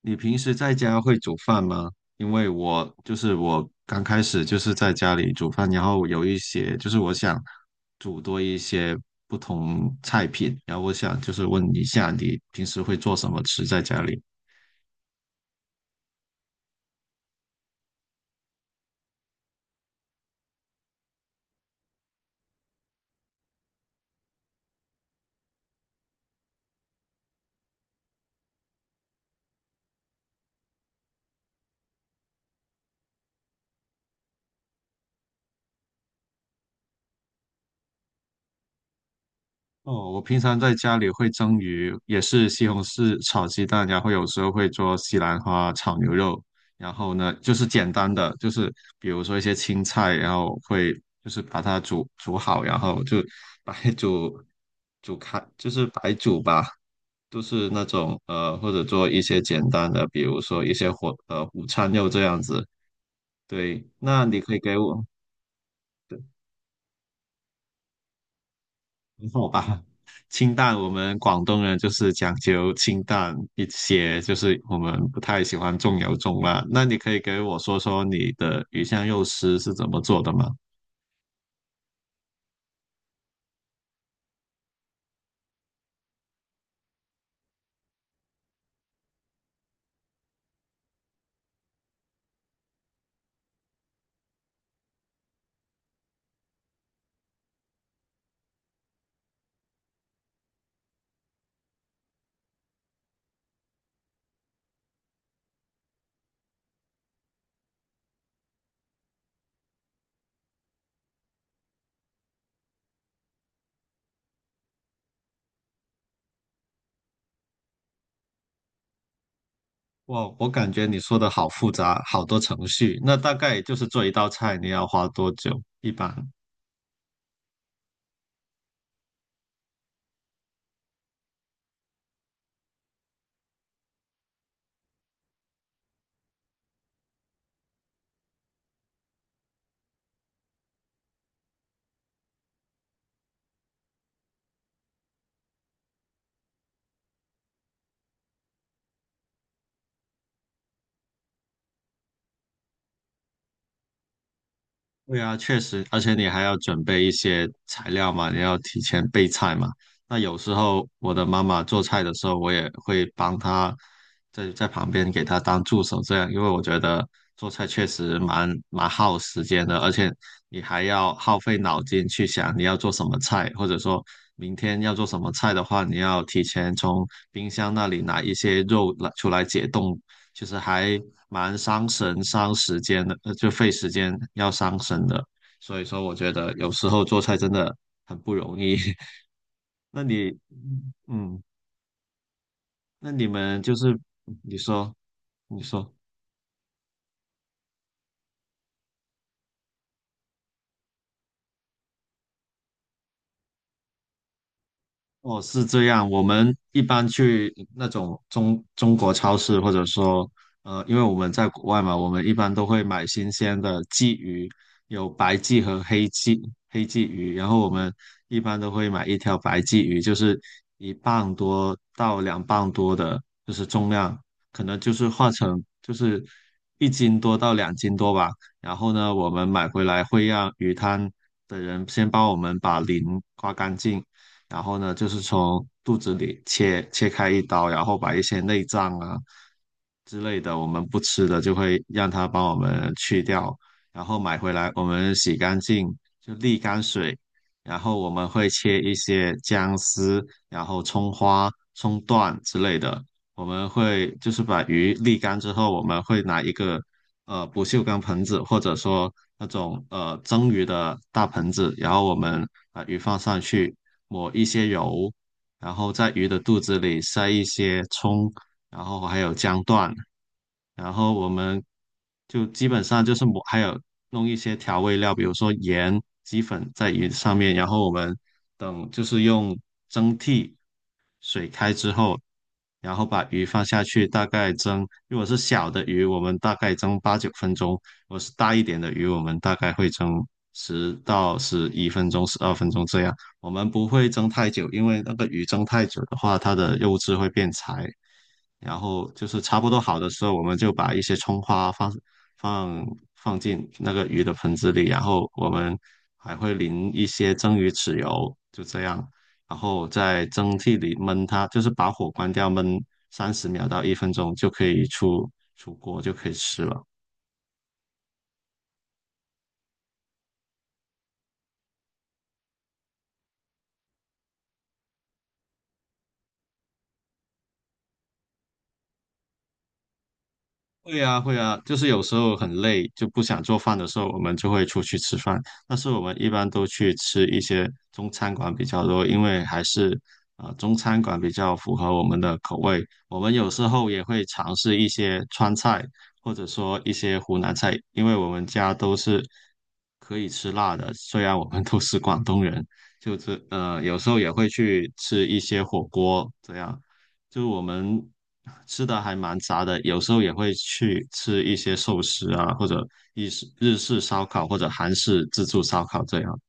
你平时在家会煮饭吗？因为我就是我刚开始就是在家里煮饭，然后有一些就是我想煮多一些不同菜品，然后我想就是问一下你平时会做什么吃在家里？哦，我平常在家里会蒸鱼，也是西红柿炒鸡蛋，然后有时候会做西兰花炒牛肉，然后呢，就是简单的，就是比如说一些青菜，然后会就是把它煮煮好，然后就白煮煮开，就是白煮吧，都是那种或者做一些简单的，比如说一些午餐肉这样子。对，那你可以给我。好吧，清淡，我们广东人就是讲究清淡一些，就是我们不太喜欢重油重辣。那你可以给我说说你的鱼香肉丝是怎么做的吗？哇，我感觉你说的好复杂，好多程序。那大概就是做一道菜，你要花多久？一般？对啊，确实，而且你还要准备一些材料嘛，你要提前备菜嘛。那有时候我的妈妈做菜的时候，我也会帮她在旁边给她当助手，这样，因为我觉得做菜确实蛮耗时间的，而且你还要耗费脑筋去想你要做什么菜，或者说明天要做什么菜的话，你要提前从冰箱那里拿一些肉来出来解冻，其实还蛮伤神、伤时间的，呃，就费时间要伤神的。所以说，我觉得有时候做菜真的很不容易。那你，嗯，那你们就是你说，你说。哦，是这样。我们一般去那种中国超市，或者说，呃，因为我们在国外嘛，我们一般都会买新鲜的鲫鱼，有白鲫和黑鲫鱼。然后我们一般都会买一条白鲫鱼，就是1磅多到2磅多的，就是重量，可能就是化成就是1斤多到2斤多吧。然后呢，我们买回来会让鱼摊的人先帮我们把鳞刮干净。然后呢，就是从肚子里切开一刀，然后把一些内脏啊之类的我们不吃的，就会让它帮我们去掉，然后买回来我们洗干净，就沥干水，然后我们会切一些姜丝，然后葱花、葱段之类的。我们会就是把鱼沥干之后，我们会拿一个不锈钢盆子，或者说那种蒸鱼的大盆子，然后我们把鱼放上去，抹一些油，然后在鱼的肚子里塞一些葱，然后还有姜段，然后我们就基本上就是抹，还有弄一些调味料，比如说盐、鸡粉在鱼上面，然后我们等就是用蒸屉水开之后，然后把鱼放下去，大概蒸。如果是小的鱼，我们大概蒸8、9分钟；如果是大一点的鱼，我们大概会蒸10到11分钟、12分钟这样。我们不会蒸太久，因为那个鱼蒸太久的话，它的肉质会变柴，然后就是差不多好的时候，我们就把一些葱花放放进那个鱼的盆子里，然后我们还会淋一些蒸鱼豉油，就这样，然后在蒸屉里焖它，就是把火关掉焖30秒到1分钟就可以出锅，就可以吃了。会啊，会啊，就是有时候很累，就不想做饭的时候，我们就会出去吃饭。但是我们一般都去吃一些中餐馆比较多，因为还是中餐馆比较符合我们的口味。我们有时候也会尝试一些川菜，或者说一些湖南菜，因为我们家都是可以吃辣的，虽然我们都是广东人，就是有时候也会去吃一些火锅这样。就是我们吃的还蛮杂的，有时候也会去吃一些寿司啊，或者日式烧烤，或者韩式自助烧烤这样。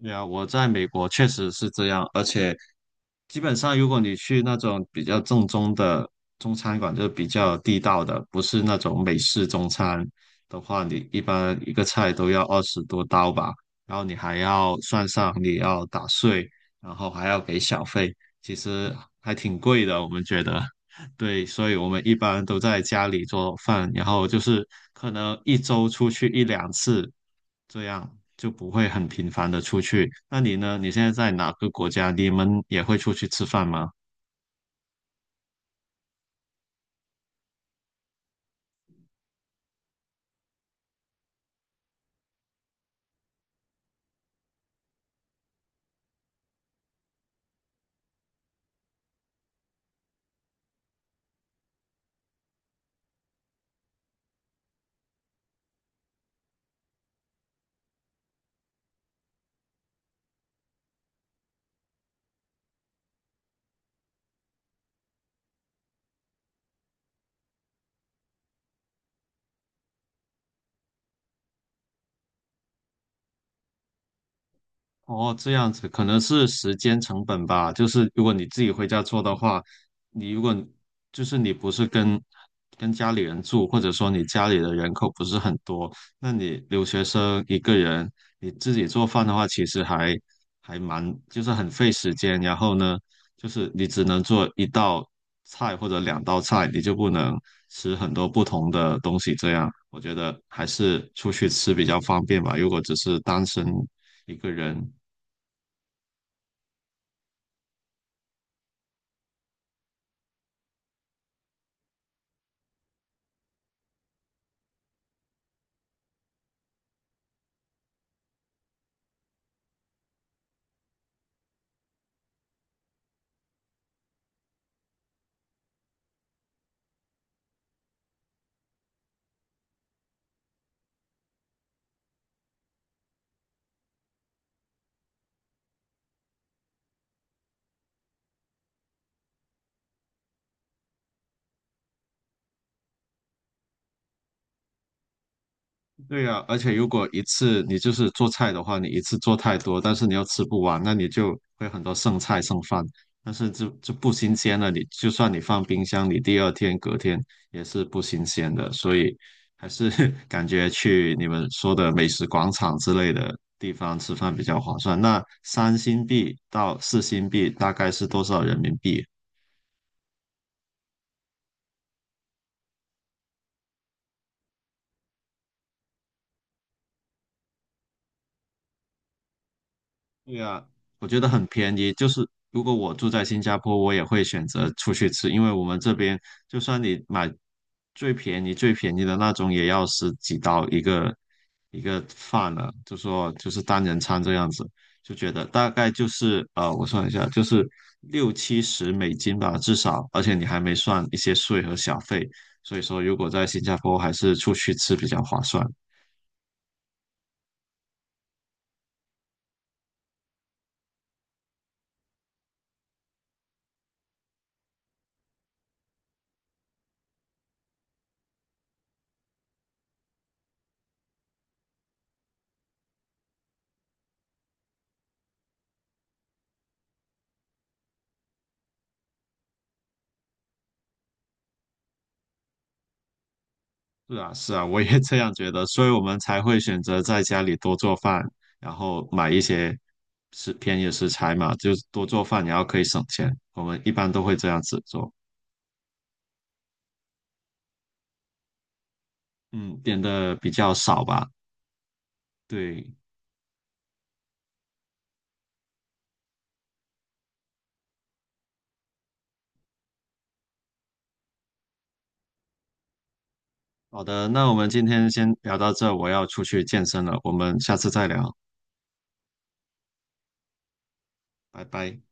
对啊，我在美国确实是这样，而且基本上如果你去那种比较正宗的中餐馆，就是比较地道的，不是那种美式中餐的话，你一般一个菜都要20多刀吧，然后你还要算上你要打碎，然后还要给小费，其实还挺贵的，我们觉得。对，所以我们一般都在家里做饭，然后就是可能一周出去一两次，这样就不会很频繁的出去。那你呢？你现在在哪个国家？你们也会出去吃饭吗？哦，这样子可能是时间成本吧。就是如果你自己回家做的话，你如果就是你不是跟家里人住，或者说你家里的人口不是很多，那你留学生一个人，你自己做饭的话，其实还蛮就是很费时间。然后呢，就是你只能做一道菜或者两道菜，你就不能吃很多不同的东西。这样我觉得还是出去吃比较方便吧。如果只是单身一个人。对呀，而且如果一次你就是做菜的话，你一次做太多，但是你又吃不完，那你就会很多剩菜剩饭。但是就不新鲜了，你就算你放冰箱，你第二天隔天也是不新鲜的。所以还是 感觉去你们说的美食广场之类的地方吃饭比较划算。那3星币到4星币大概是多少人民币对啊，我觉得很便宜。就是如果我住在新加坡，我也会选择出去吃，因为我们这边就算你买最便宜最便宜的那种，也要十几刀一个饭了，就说就是单人餐这样子，就觉得大概就是呃，我算一下，就是6、70美金吧，至少，而且你还没算一些税和小费，所以说如果在新加坡还是出去吃比较划算。是啊，是啊，我也这样觉得，所以我们才会选择在家里多做饭，然后买一些便宜的食材嘛，就是多做饭，然后可以省钱。我们一般都会这样子做，嗯，点的比较少吧。对，好的，那我们今天先聊到这，我要出去健身了，我们下次再聊，拜拜。